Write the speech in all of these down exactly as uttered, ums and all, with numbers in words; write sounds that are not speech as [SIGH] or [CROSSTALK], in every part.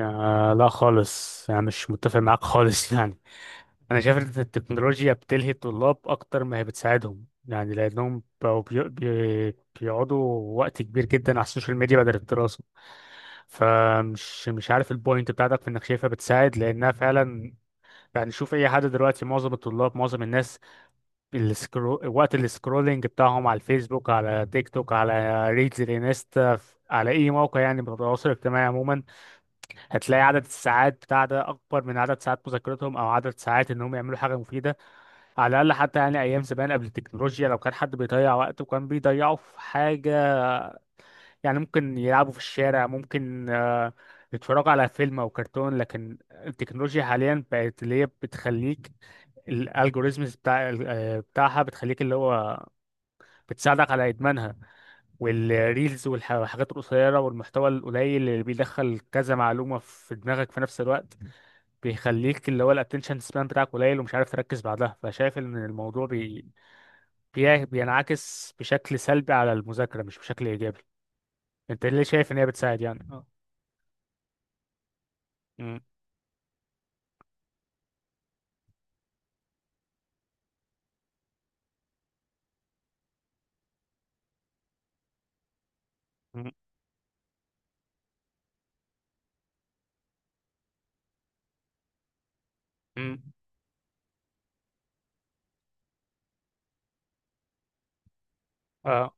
آه، لا خالص يعني مش متفق معاك خالص [LAUGHS] يعني انا شايف ان التكنولوجيا بتلهي الطلاب اكتر ما هي بتساعدهم يعني، لانهم بقوا بي... بي... بيقعدوا وقت كبير جدا على السوشيال ميديا بدل الدراسه. فمش مش عارف البوينت بتاعتك في انك شايفها بتساعد، لانها فعلا يعني. شوف اي حد دلوقتي، معظم الطلاب معظم الناس، السكرو... وقت السكرولينج بتاعهم على الفيسبوك، على تيك توك، على ريلز الانستا، على اي موقع يعني من التواصل الاجتماعي عموما، هتلاقي عدد الساعات بتاع ده اكبر من عدد ساعات مذاكرتهم او عدد ساعات انهم يعملوا حاجه مفيده. على الاقل حتى يعني ايام زمان قبل التكنولوجيا، لو كان حد بيضيع وقته كان بيضيعه في حاجه، يعني ممكن يلعبوا في الشارع، ممكن آه، يتفرجوا على فيلم او كرتون. لكن التكنولوجيا حاليا بقت اللي هي بتخليك، الالجوريزمز بتاع آه، بتاعها بتخليك اللي هو بتساعدك على ادمانها. والريلز والح- والحاجات القصيره والمحتوى القليل اللي بيدخل كذا معلومه في دماغك في نفس الوقت، بيخليك اللي هو الاتنشن سبان بتاعك قليل ومش عارف تركز بعدها. فشايف ان الموضوع بي... بي... بينعكس بشكل سلبي على المذاكرة، مش بشكل ايجابي. انت ليه شايف ان هي بتساعد يعني؟ اه. مم. مم. مم. اه.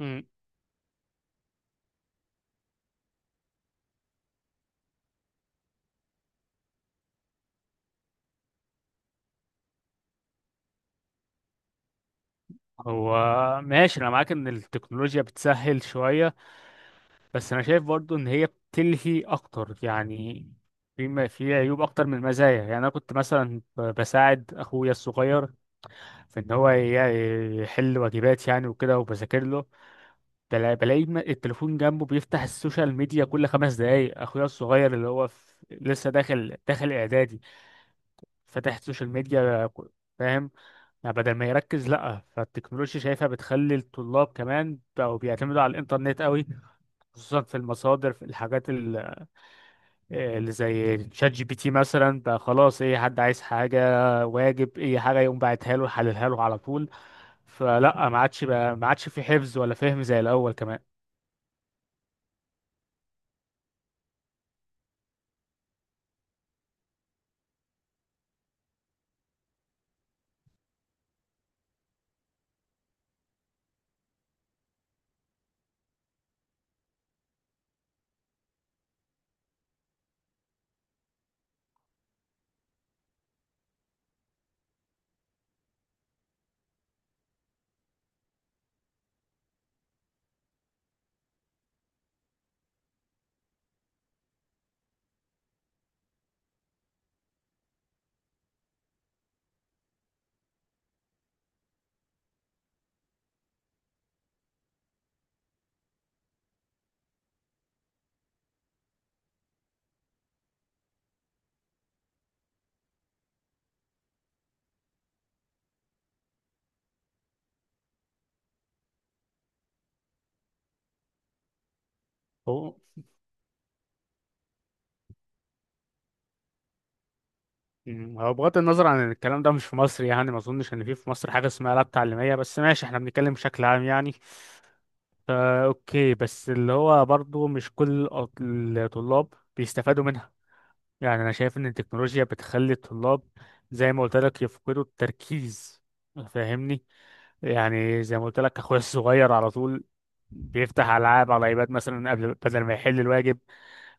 مم. هو ماشي، انا معاك ان التكنولوجيا بتسهل شوية، بس انا شايف برضو ان هي بتلهي اكتر يعني. في م- في عيوب اكتر من المزايا. يعني انا كنت مثلا ب- بساعد اخويا الصغير في ان هو ي- يحل واجبات يعني وكده، وبذاكر له، بلا- بلاقي م- التليفون جنبه بيفتح السوشيال ميديا كل خمس دقايق. اخويا الصغير اللي هو في لسه داخل داخل اعدادي فاتح السوشيال ميديا ك- فاهم؟ يعني بدل ما يركز. لا، فالتكنولوجيا شايفها بتخلي الطلاب كمان بقوا بيعتمدوا على الانترنت قوي، خصوصا في المصادر، في الحاجات ال- اللي زي شات جي بي تي مثلا. بقى خلاص اي حد عايز حاجة، واجب، اي حاجة، يقوم باعتها له يحللها له على طول. فلا، ما عادش بقى، ما عادش في حفظ ولا فهم زي الاول كمان. مم، هو بغض النظر عن إن الكلام ده مش في مصر، يعني ما اظنش ان في في مصر حاجه اسمها لاب تعليميه، بس ماشي احنا بنتكلم بشكل عام يعني. فا اوكي، بس اللي هو برضو مش كل الأط- الطلاب بيستفادوا منها. يعني انا شايف ان التكنولوجيا بتخلي الطلاب، زي ما قلت لك، يفقدوا التركيز. فاهمني؟ يعني زي ما قلت لك اخويا الصغير على طول بيفتح العاب على ايباد مثلا، قبل بدل ما يحل الواجب.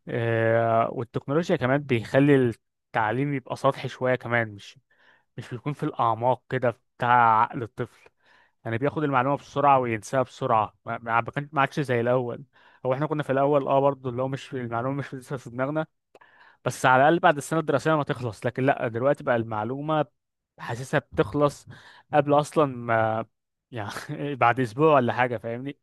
آه والتكنولوجيا كمان بيخلي التعليم يبقى سطحي شويه كمان، مش مش بيكون في الأعماق كده بتاع عقل الطفل. يعني بياخد المعلومة بسرعة وينساها بسرعة، ما ما ما كان- ما عادش زي الأول. هو احنا كنا في الأول اه برضه اللي هو مش في المعلومة مش لسه في دماغنا، بس على الأقل بعد السنة الدراسية ما تخلص. لكن لأ، دلوقتي بقى المعلومة حاسسها بتخلص قبل أصلا ما، يعني [LAUGHS] بعد أسبوع ولا حاجة. فاهمني؟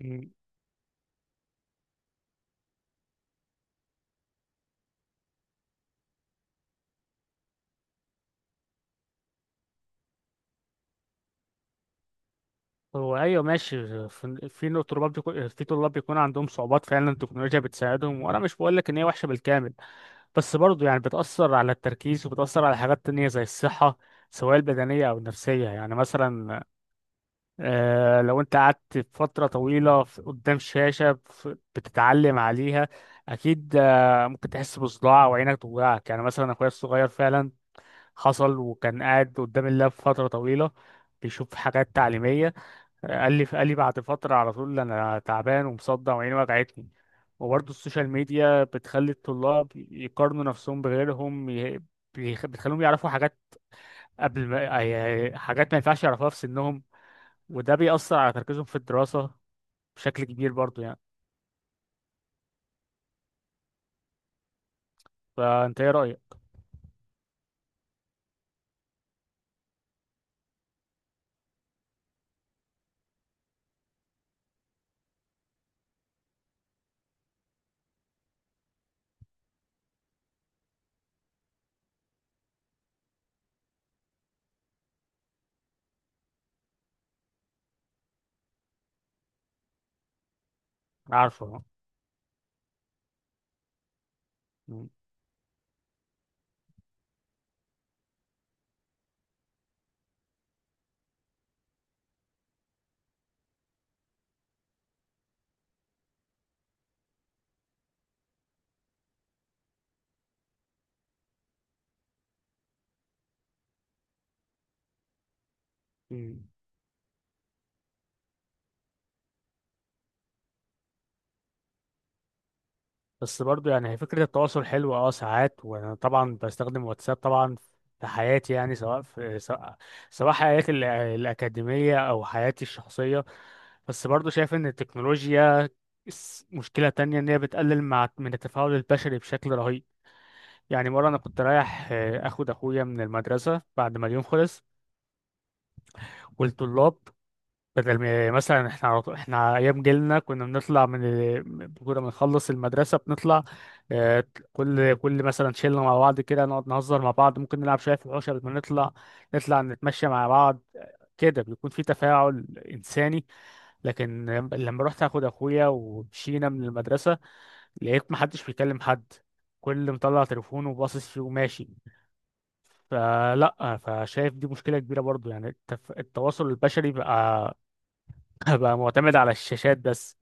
مم. هو أيوه ماشي، في في نوع- طلاب بيكون في طلاب بيكون عندهم صعوبات فعلا، التكنولوجيا بتساعدهم. وأنا مش بقول لك إن هي وحشة بالكامل، بس برضه يعني بتأثر على التركيز وبتأثر على حاجات تانية زي الصحة، سواء البدنية أو النفسية. يعني مثلا آه، لو أنت قعدت فترة طويلة في- قدام شاشة ف- بتتعلم عليها، أكيد آه، ممكن تحس بصداع وعينك توجعك. يعني مثلا أخويا الصغير فعلا حصل، وكان قاعد قدام اللاب فترة طويلة بيشوف حاجات تعليمية، قال لي قال لي بعد فترة على طول: أنا تعبان ومصدع وعيني وجعتني. وبرضه السوشيال ميديا بتخلي الطلاب يقارنوا نفسهم بغيرهم، ي- بيخ- بتخليهم يعرفوا حاجات قبل ما، أي- حاجات ما ينفعش يعرفوها في سنهم، وده بيأثر على تركيزهم في الدراسة بشكل كبير برضه يعني. فأنت إيه رأيك؟ عارفه. بس برضو يعني، هي فكرة التواصل حلوة اه ساعات، وانا طبعا بستخدم واتساب طبعا في حياتي، يعني سواء في سواء, سواء حياتي ال- الأكاديمية أو حياتي الشخصية. بس برضو شايف إن التكنولوجيا، س- مشكلة تانية إن هي بتقلل مع من التفاعل البشري بشكل رهيب. يعني مرة أنا كنت رايح آه، أخد أخويا من المدرسة بعد ما اليوم خلص، والطلاب، بدل ما مثلا احنا على طول- احنا ايام جيلنا كنا بنطلع من ال- كنا بنخلص المدرسه بنطلع آه، كل كل مثلا شله مع بعض كده نقعد نهزر مع بعض، ممكن نلعب شويه في الحوش قبل ما نطلع، نطلع نتمشى مع بعض، كده بيكون في تفاعل انساني. لكن لما رحت اخد اخويا ومشينا من المدرسه، لقيت محدش بيكلم حد، كل مطلع تليفونه وباصص فيه وماشي. فلا، فشايف دي مشكله كبيره برضو يعني. التف... التواصل البشري بقى، بقى معتمد على الشاشات بس.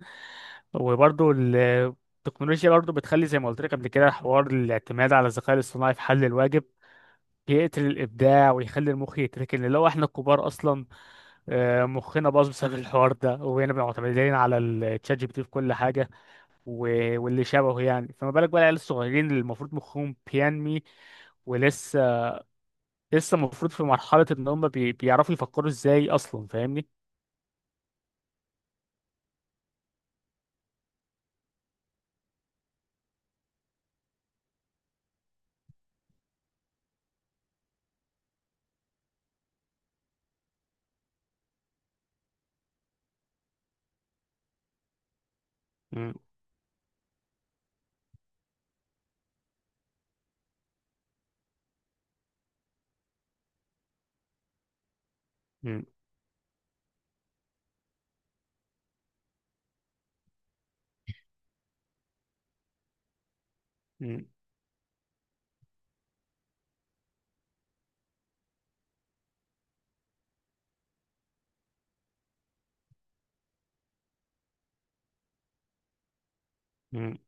وبرضو التكنولوجيا برضو بتخلي زي ما قلت لك قبل كده، حوار الاعتماد على الذكاء الاصطناعي في حل الواجب بيقتل الابداع ويخلي المخ يتركن. اللي هو احنا الكبار اصلا آه، مخنا باظ بسبب الحوار ده، وهنا بنبقى معتمدين على الشات جي بي تي في كل حاجه و- واللي شبهه يعني. فما بالك بقى العيال الصغيرين اللي المفروض مخهم بينمي ولسه لسه المفروض في مرحله ان هم بي... بيعرفوا يفكروا ازاي اصلا. فاهمني؟ مم، مم، مم،